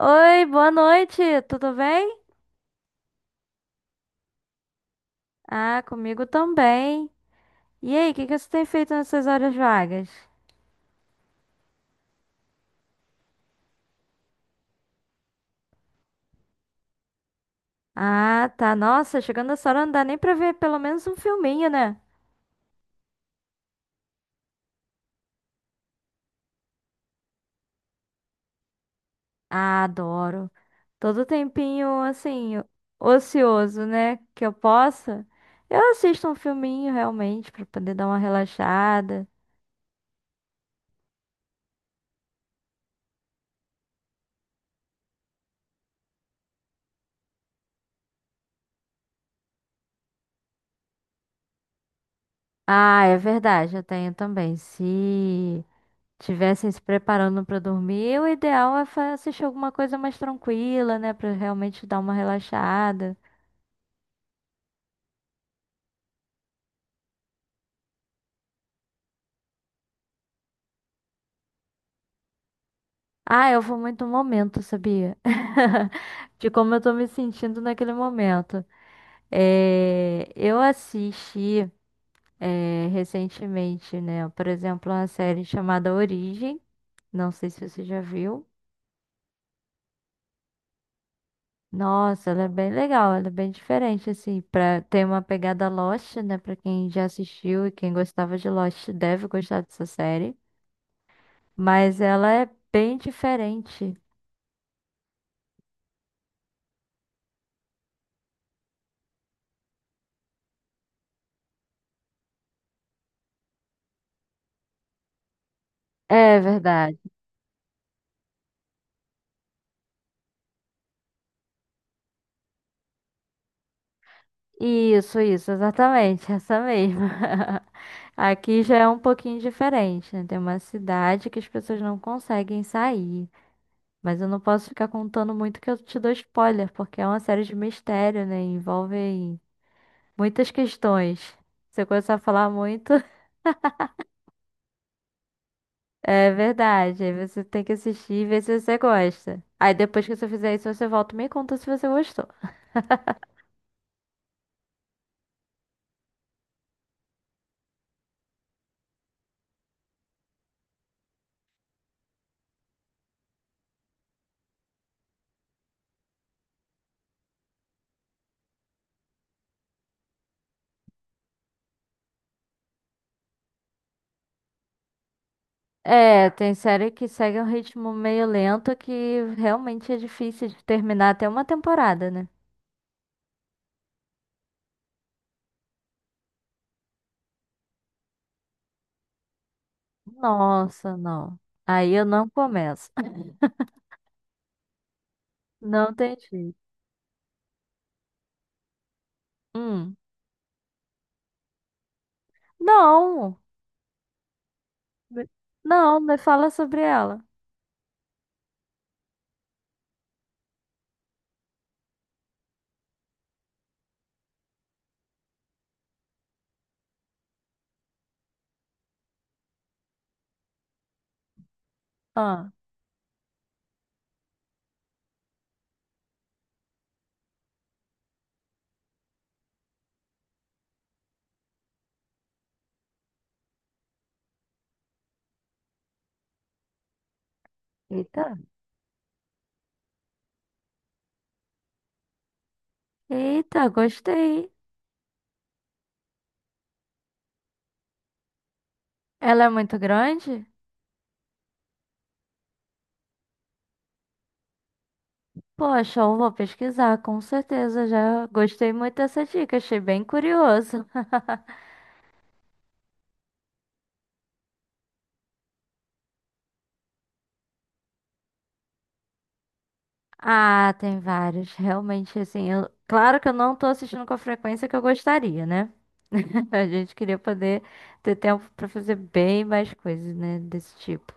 Oi, boa noite, tudo bem? Ah, comigo também. E aí, o que que você tem feito nessas horas vagas? Ah, tá. Nossa, chegando essa hora não dá nem pra ver pelo menos um filminho, né? Ah, adoro. Todo tempinho, assim, ocioso, né? Que eu possa. Eu assisto um filminho realmente pra poder dar uma relaxada. Ah, é verdade, eu tenho também. Se estivessem se preparando para dormir, o ideal é assistir alguma coisa mais tranquila, né, pra realmente dar uma relaxada. Ah, eu vou muito no momento, sabia? De como eu tô me sentindo naquele momento. Eu assisti recentemente, né, por exemplo, uma série chamada Origem. Não sei se você já viu. Nossa, ela é bem legal, ela é bem diferente, assim, pra ter uma pegada Lost, né? Pra quem já assistiu e quem gostava de Lost deve gostar dessa série. Mas ela é bem diferente. É verdade. Isso, exatamente, essa mesma. Aqui já é um pouquinho diferente, né? Tem uma cidade que as pessoas não conseguem sair. Mas eu não posso ficar contando muito que eu te dou spoiler, porque é uma série de mistério, né? Envolve muitas questões. Você começar a falar muito, é verdade. Aí você tem que assistir e ver se você gosta. Aí depois que você fizer isso, você volta e me conta se você gostou. É, tem série que segue um ritmo meio lento que realmente é difícil de terminar até uma temporada, né? Nossa, não. Aí eu não começo. Não tem jeito. Hum. Não. Me- Não, me fala sobre ela. Ah. Eita. Eita, gostei. Ela é muito grande? Poxa, eu vou pesquisar, com certeza. Já gostei muito dessa dica, achei bem curioso. Ah, tem vários. Realmente, assim, claro que eu não tô assistindo com a frequência que eu gostaria, né? A gente queria poder ter tempo pra fazer bem mais coisas, né, desse tipo.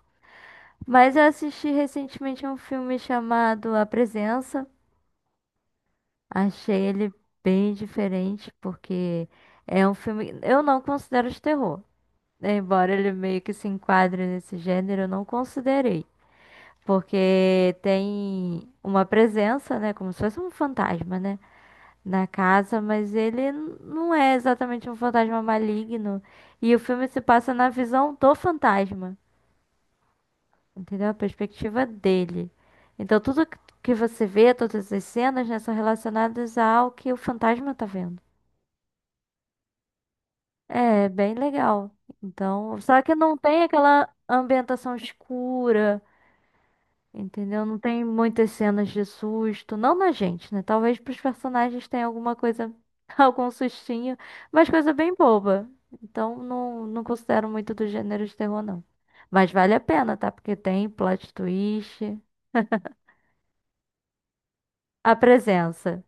Mas eu assisti recentemente um filme chamado A Presença. Achei ele bem diferente, porque é um filme. Eu não considero de terror. Embora ele meio que se enquadre nesse gênero, eu não considerei. Porque tem uma presença, né? Como se fosse um fantasma, né? Na casa, mas ele não é exatamente um fantasma maligno. E o filme se passa na visão do fantasma, entendeu? A perspectiva dele. Então, tudo que você vê, todas as cenas, né, são relacionadas ao que o fantasma tá vendo. É, bem legal. Então, só que não tem aquela ambientação escura. Entendeu? Não tem muitas cenas de susto, não na gente, né? Talvez pros personagens tenha alguma coisa, algum sustinho, mas coisa bem boba. Então não, não considero muito do gênero de terror, não. Mas vale a pena, tá? Porque tem plot twist. A presença.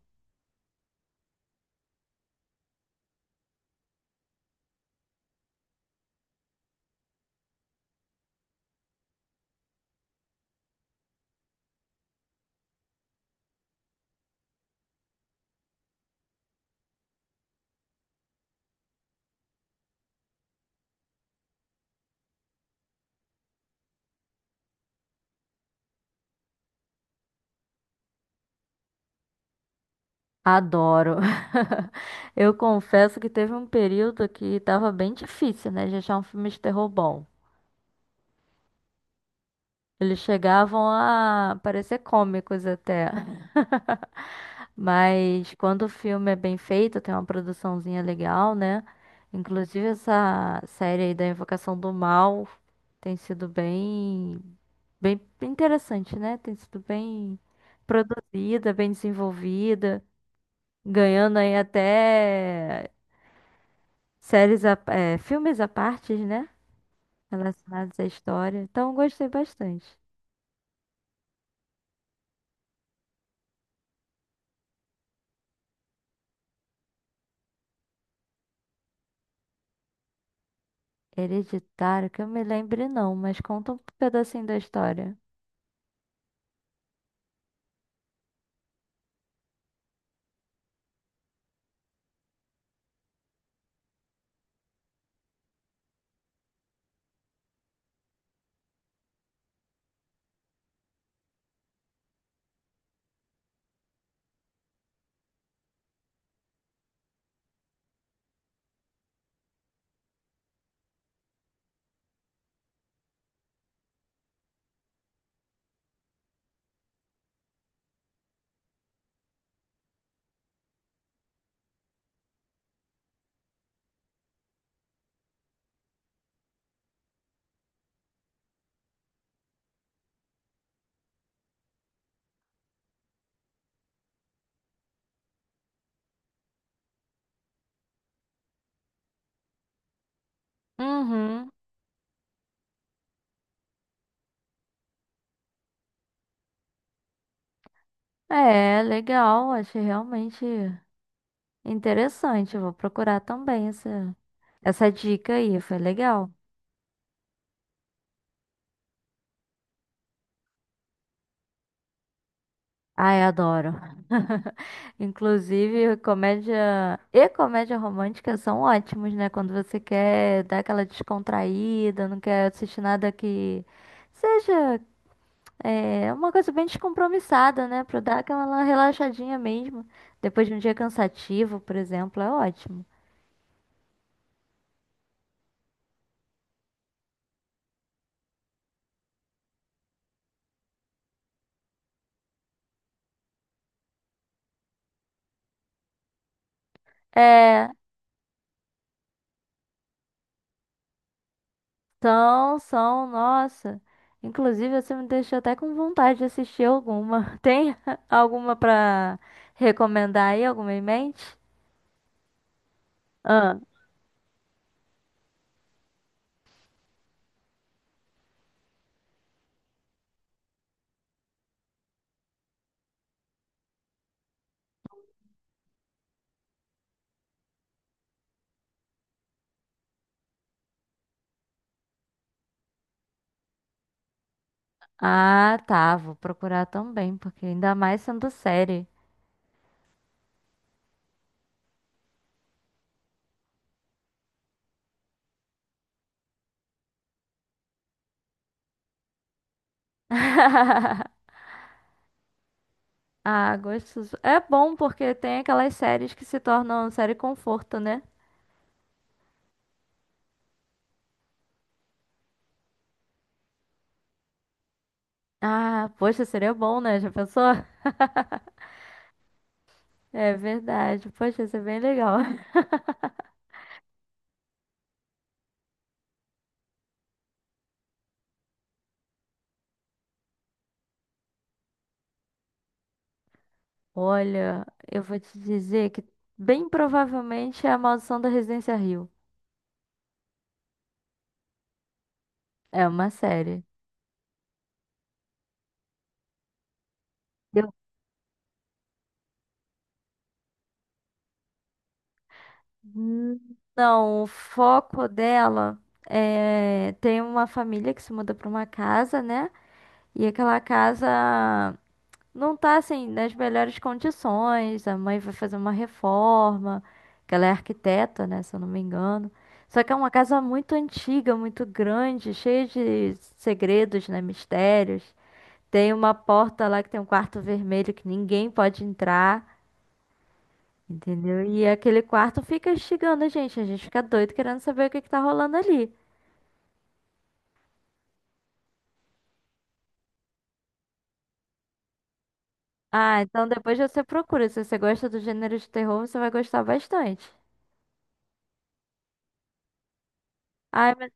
Adoro. Eu confesso que teve um período que tava bem difícil, né, de achar um filme de terror bom. Eles chegavam a parecer cômicos até. Mas quando o filme é bem feito, tem uma produçãozinha legal, né? Inclusive essa série aí da Invocação do Mal tem sido bem, bem interessante, né? Tem sido bem produzida, bem desenvolvida, ganhando aí até séries, filmes à parte, né? Relacionados à história. Então eu gostei bastante. Hereditário, que eu me lembre não, mas conta um pedacinho da história. Uhum. É, legal, achei realmente interessante. Vou procurar também essa dica aí, foi legal. Ai, adoro. Inclusive, comédia e comédia romântica são ótimos, né? Quando você quer dar aquela descontraída, não quer assistir nada que seja uma coisa bem descompromissada, né? Pra dar aquela relaxadinha mesmo. Depois de um dia cansativo, por exemplo, é ótimo. É. São, são, nossa. Inclusive, você me deixou até com vontade de assistir alguma. Tem alguma pra recomendar aí? Alguma em mente? Ah, ah, tá. Vou procurar também, porque ainda mais sendo série. Ah, gostoso. É bom porque tem aquelas séries que se tornam série conforto, né? Ah, poxa, seria bom, né? Já pensou? É verdade. Poxa, isso é bem legal. Olha, eu vou te dizer que bem provavelmente é A Maldição da Residência Rio. É uma série. Eu... Hum, não, o foco dela é... Tem uma família que se muda para uma casa, né? E aquela casa não tá, assim, nas melhores condições. A mãe vai fazer uma reforma, que ela é arquiteta, né? Se eu não me engano. Só que é uma casa muito antiga, muito grande, cheia de segredos, né? Mistérios. Tem uma porta lá que tem um quarto vermelho que ninguém pode entrar, entendeu? E aquele quarto fica instigando a gente fica doido querendo saber o que que tá rolando ali. Ah, então depois você procura. Se você gosta do gênero de terror, você vai gostar bastante. Ai, mas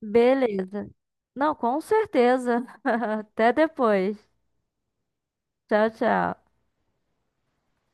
beleza. Não, com certeza. Até depois. Tchau, tchau.